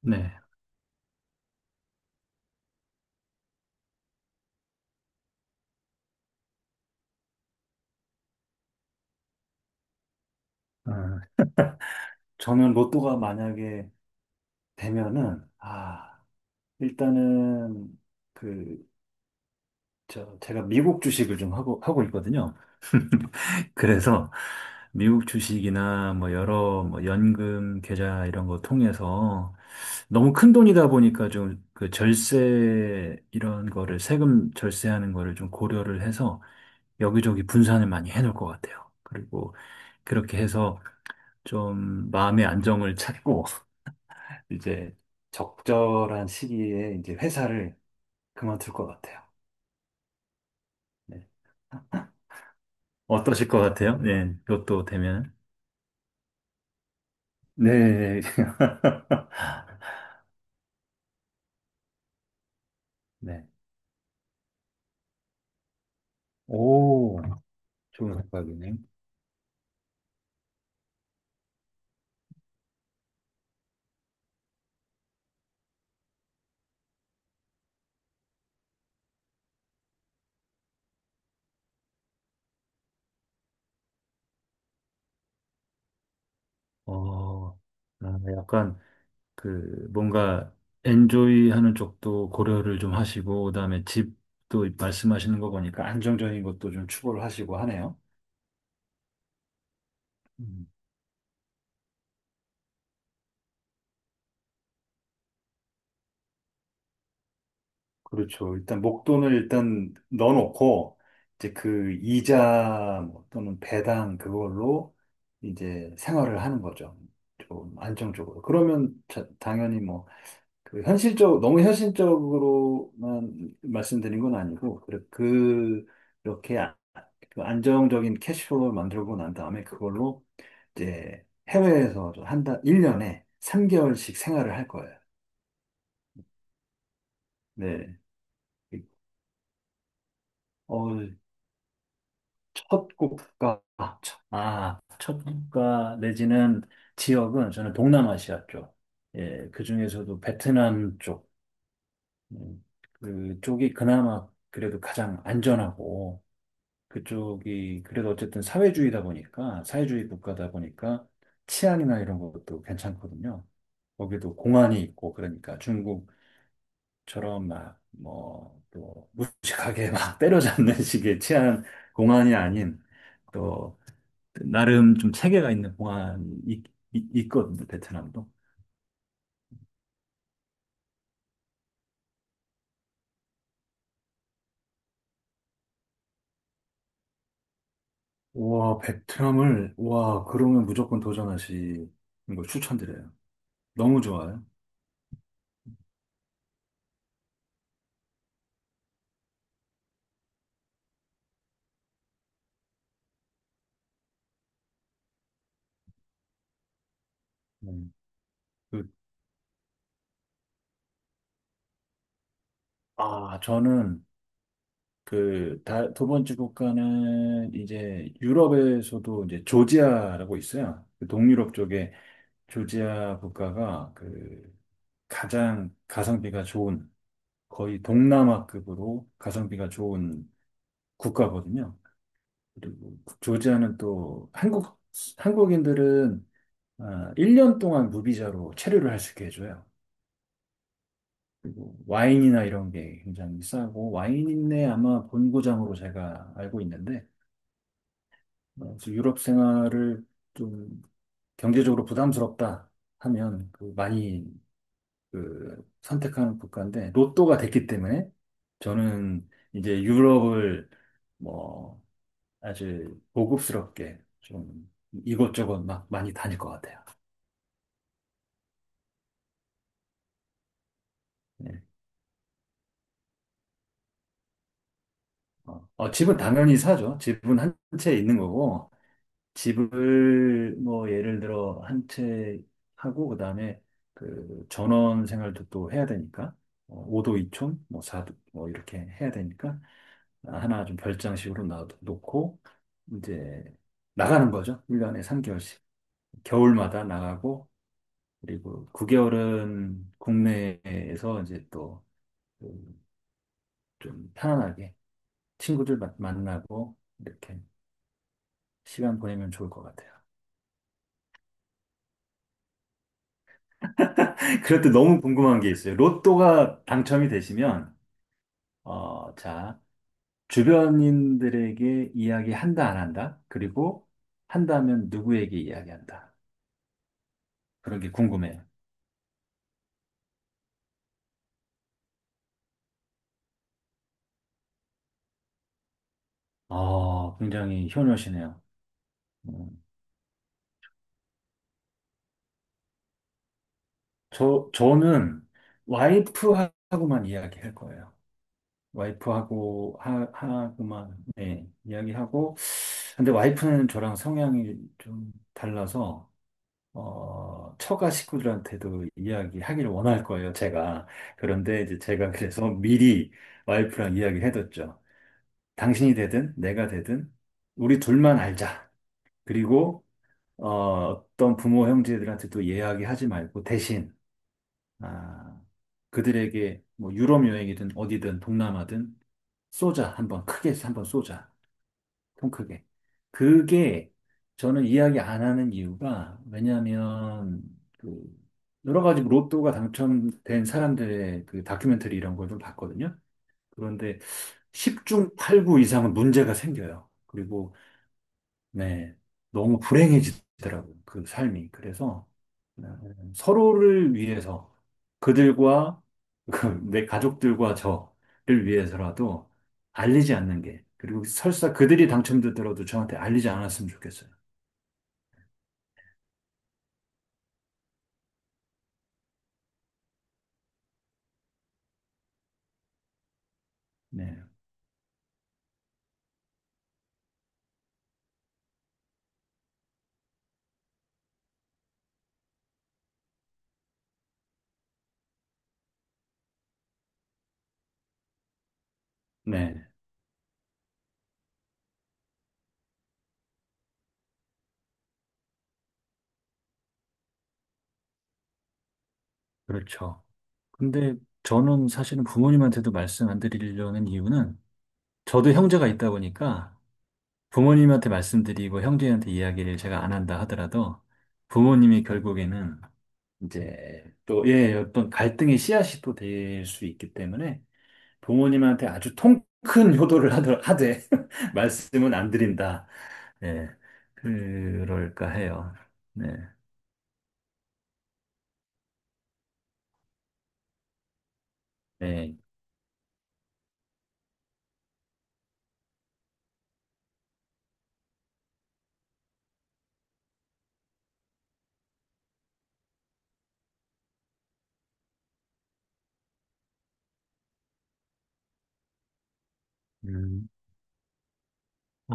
네. 어, 저는 로또가 만약에 되면은, 일단은, 그, 제가 미국 주식을 좀 하고 있거든요. 그래서 미국 주식이나 뭐 여러 뭐 연금 계좌 이런 거 통해서 너무 큰 돈이다 보니까 좀 그 절세 이런 거를 세금 절세하는 거를 좀 고려를 해서 여기저기 분산을 많이 해놓을 것 같아요. 그리고 그렇게 해서 좀 마음의 안정을 찾고 이제 적절한 시기에 이제 회사를 그만둘 것 같아요. 네. 어떠실 것 같아요? 네, 로또 되면. 네. 네. 오, 좋은 생각이네요. 어, 약간 그 뭔가 엔조이 하는 쪽도 고려를 좀 하시고, 그다음에 집도 말씀하시는 거 보니까 안정적인 것도 좀 추구를 하시고 하네요. 음. 그렇죠. 일단 목돈을 일단 넣어놓고 이제 그 이자 뭐 또는 배당 그걸로 이제 생활을 하는 거죠. 좀 안정적으로. 그러면 당연히 뭐 그 현실적 너무 현실적으로만 말씀드린 건 아니고 그 이렇게 그 안정적인 캐시플로우를 만들고 난 다음에 그걸로 이제 해외에서 한 달, 1년에 3개월씩 생활을 할 거예요. 네. 어, 첫 국가, 아, 첫 아, 국가 내지는 지역은 저는 동남아시아 쪽, 예, 그 중에서도 베트남 쪽, 음, 그쪽이 그나마 그래도 가장 안전하고, 그쪽이 그래도 어쨌든 사회주의다 보니까, 사회주의 국가다 보니까 치안이나 이런 것도 괜찮거든요. 거기도 공안이 있고, 그러니까 중국처럼 막, 뭐, 또 무식하게 막 때려잡는 식의 치안 공안이 아닌, 또 나름 좀 체계가 있는 공항이 있거든요, 베트남도. 와, 베트남을, 와, 그러면 무조건 도전하시는 걸 추천드려요. 너무 좋아요. 음. 그, 저는 두 번째 국가는 이제 유럽에서도 이제 조지아라고 있어요. 그 동유럽 쪽에 조지아 국가가 그 가장 가성비가 좋은, 거의 동남아급으로 가성비가 좋은 국가거든요. 그리고 조지아는 또 한국인들은 1년 동안 무비자로 체류를 할 수 있게 해줘요. 그리고 와인이나 이런 게 굉장히 싸고, 와인인데 아마 본고장으로 제가 알고 있는데, 그래서 유럽 생활을 좀 경제적으로 부담스럽다 하면 그 많이 그 선택하는 국가인데, 로또가 됐기 때문에 저는 이제 유럽을 뭐 아주 고급스럽게 좀 이것저것 막 많이 다닐 것 같아요. 네. 집은 당연히 사죠. 집은 한 채 있는 거고, 집을 뭐 예를 들어 한 채 하고, 그 다음에 그 전원 생활도 또 해야 되니까, 5도 2촌, 뭐 4도, 뭐 이렇게 해야 되니까, 하나 좀 별장식으로 놔놓고, 이제 나가는 거죠. 1년에 3개월씩. 겨울마다 나가고, 그리고 9개월은 국내에서 이제 또 그 좀 편안하게 친구들 만나고 이렇게 시간 보내면 좋을 것 같아요. 그럴 때 너무 궁금한 게 있어요. 로또가 당첨이 되시면, 어, 자, 주변인들에게 이야기한다, 안 한다? 그리고 한다면 누구에게 이야기한다? 그런 게 궁금해요. 아, 굉장히 효녀시네요. 음, 저는 와이프하고만 이야기할 거예요. 와이프하고 하고만 네, 이야기하고 근데 와이프는 저랑 성향이 좀 달라서 처가 식구들한테도 이야기하기를 원할 거예요, 제가. 그런데 이제 제가 그래서 미리 와이프랑 이야기해뒀죠. 당신이 되든 내가 되든 우리 둘만 알자. 그리고 어떤 부모 형제들한테도 이야기하지 말고 대신 아, 그들에게 뭐 유럽 여행이든 어디든 동남아든 쏘자 한번 크게 한번 쏘자 통 크게 그게 저는 이야기 안 하는 이유가 왜냐하면 그 여러 가지 뭐 로또가 당첨된 사람들의 그 다큐멘터리 이런 걸 좀 봤거든요. 그런데 10중 8구 이상은 문제가 생겨요. 그리고 네, 너무 불행해지더라고요. 그 삶이. 그래서 네, 서로를 위해서 그들과 그 내 가족들과 저를 위해서라도 알리지 않는 게 그리고 설사 그들이 당첨되더라도 저한테 알리지 않았으면 좋겠어요. 네, 네, 그렇죠. 근데 저는 사실은 부모님한테도 말씀 안 드리려는 이유는 저도 형제가 있다 보니까 부모님한테 말씀드리고 형제한테 이야기를 제가 안 한다 하더라도 부모님이 결국에는 이제 또, 예, 어떤 갈등의 씨앗이 또 될 수 있기 때문에 부모님한테 아주 통 큰 효도를 하되 말씀은 안 드린다. 예, 그럴까 해요. 네, 네. 음,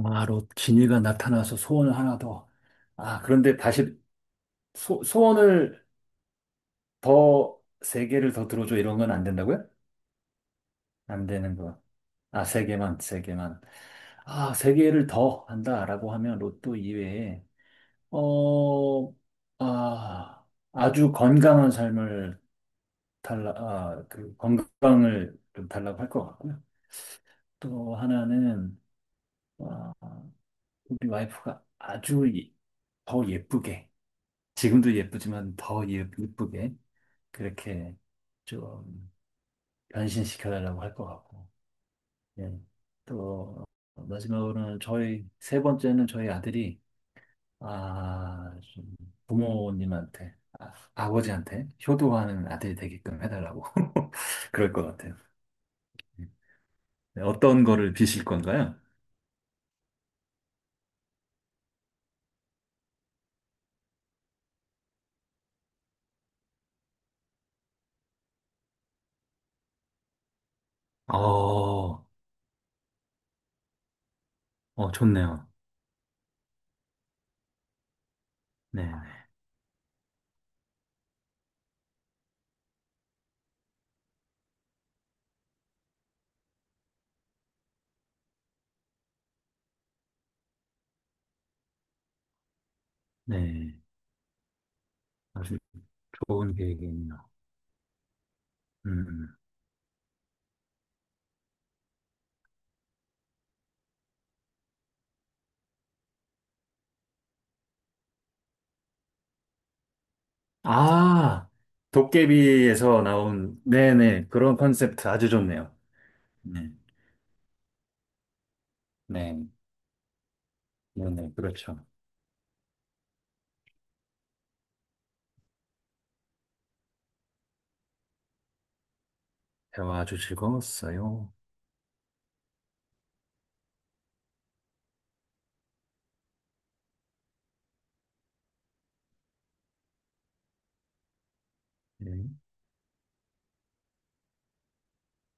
바로 진이가 나타나서 소원을 하나 더. 그런데 다시 소원을 더 세 개를 더 들어줘 이런 건 안 된다고요? 안 되는 거. 아, 세 개만, 세 개만. 아, 세 개를 더 한다라고 하면 로또 이외에 어, 아, 아주 건강한 삶을 그 건강을 좀 달라고 할 것 같고요. 또 하나는, 아, 우리 와이프가 아주 더 예쁘게, 지금도 예쁘지만 더 예쁘게, 그렇게 좀 변신시켜달라고 할 것 같고, 예. 또, 마지막으로는 세 번째는 저희 아들이 좀 아버지한테 효도하는 아들이 되게끔 해달라고. 그럴 것 같아요. 네, 어떤 거를 비실 건가요? 어, 좋네요. 네, 네. 네. 아주 좋은 계획이네요. 음. 음. 아, 도깨비에서 나온, 네네. 그런 컨셉트 아주 좋네요. 네, 네. 네네. 그렇죠. 대화 아주 즐거웠어요. 네.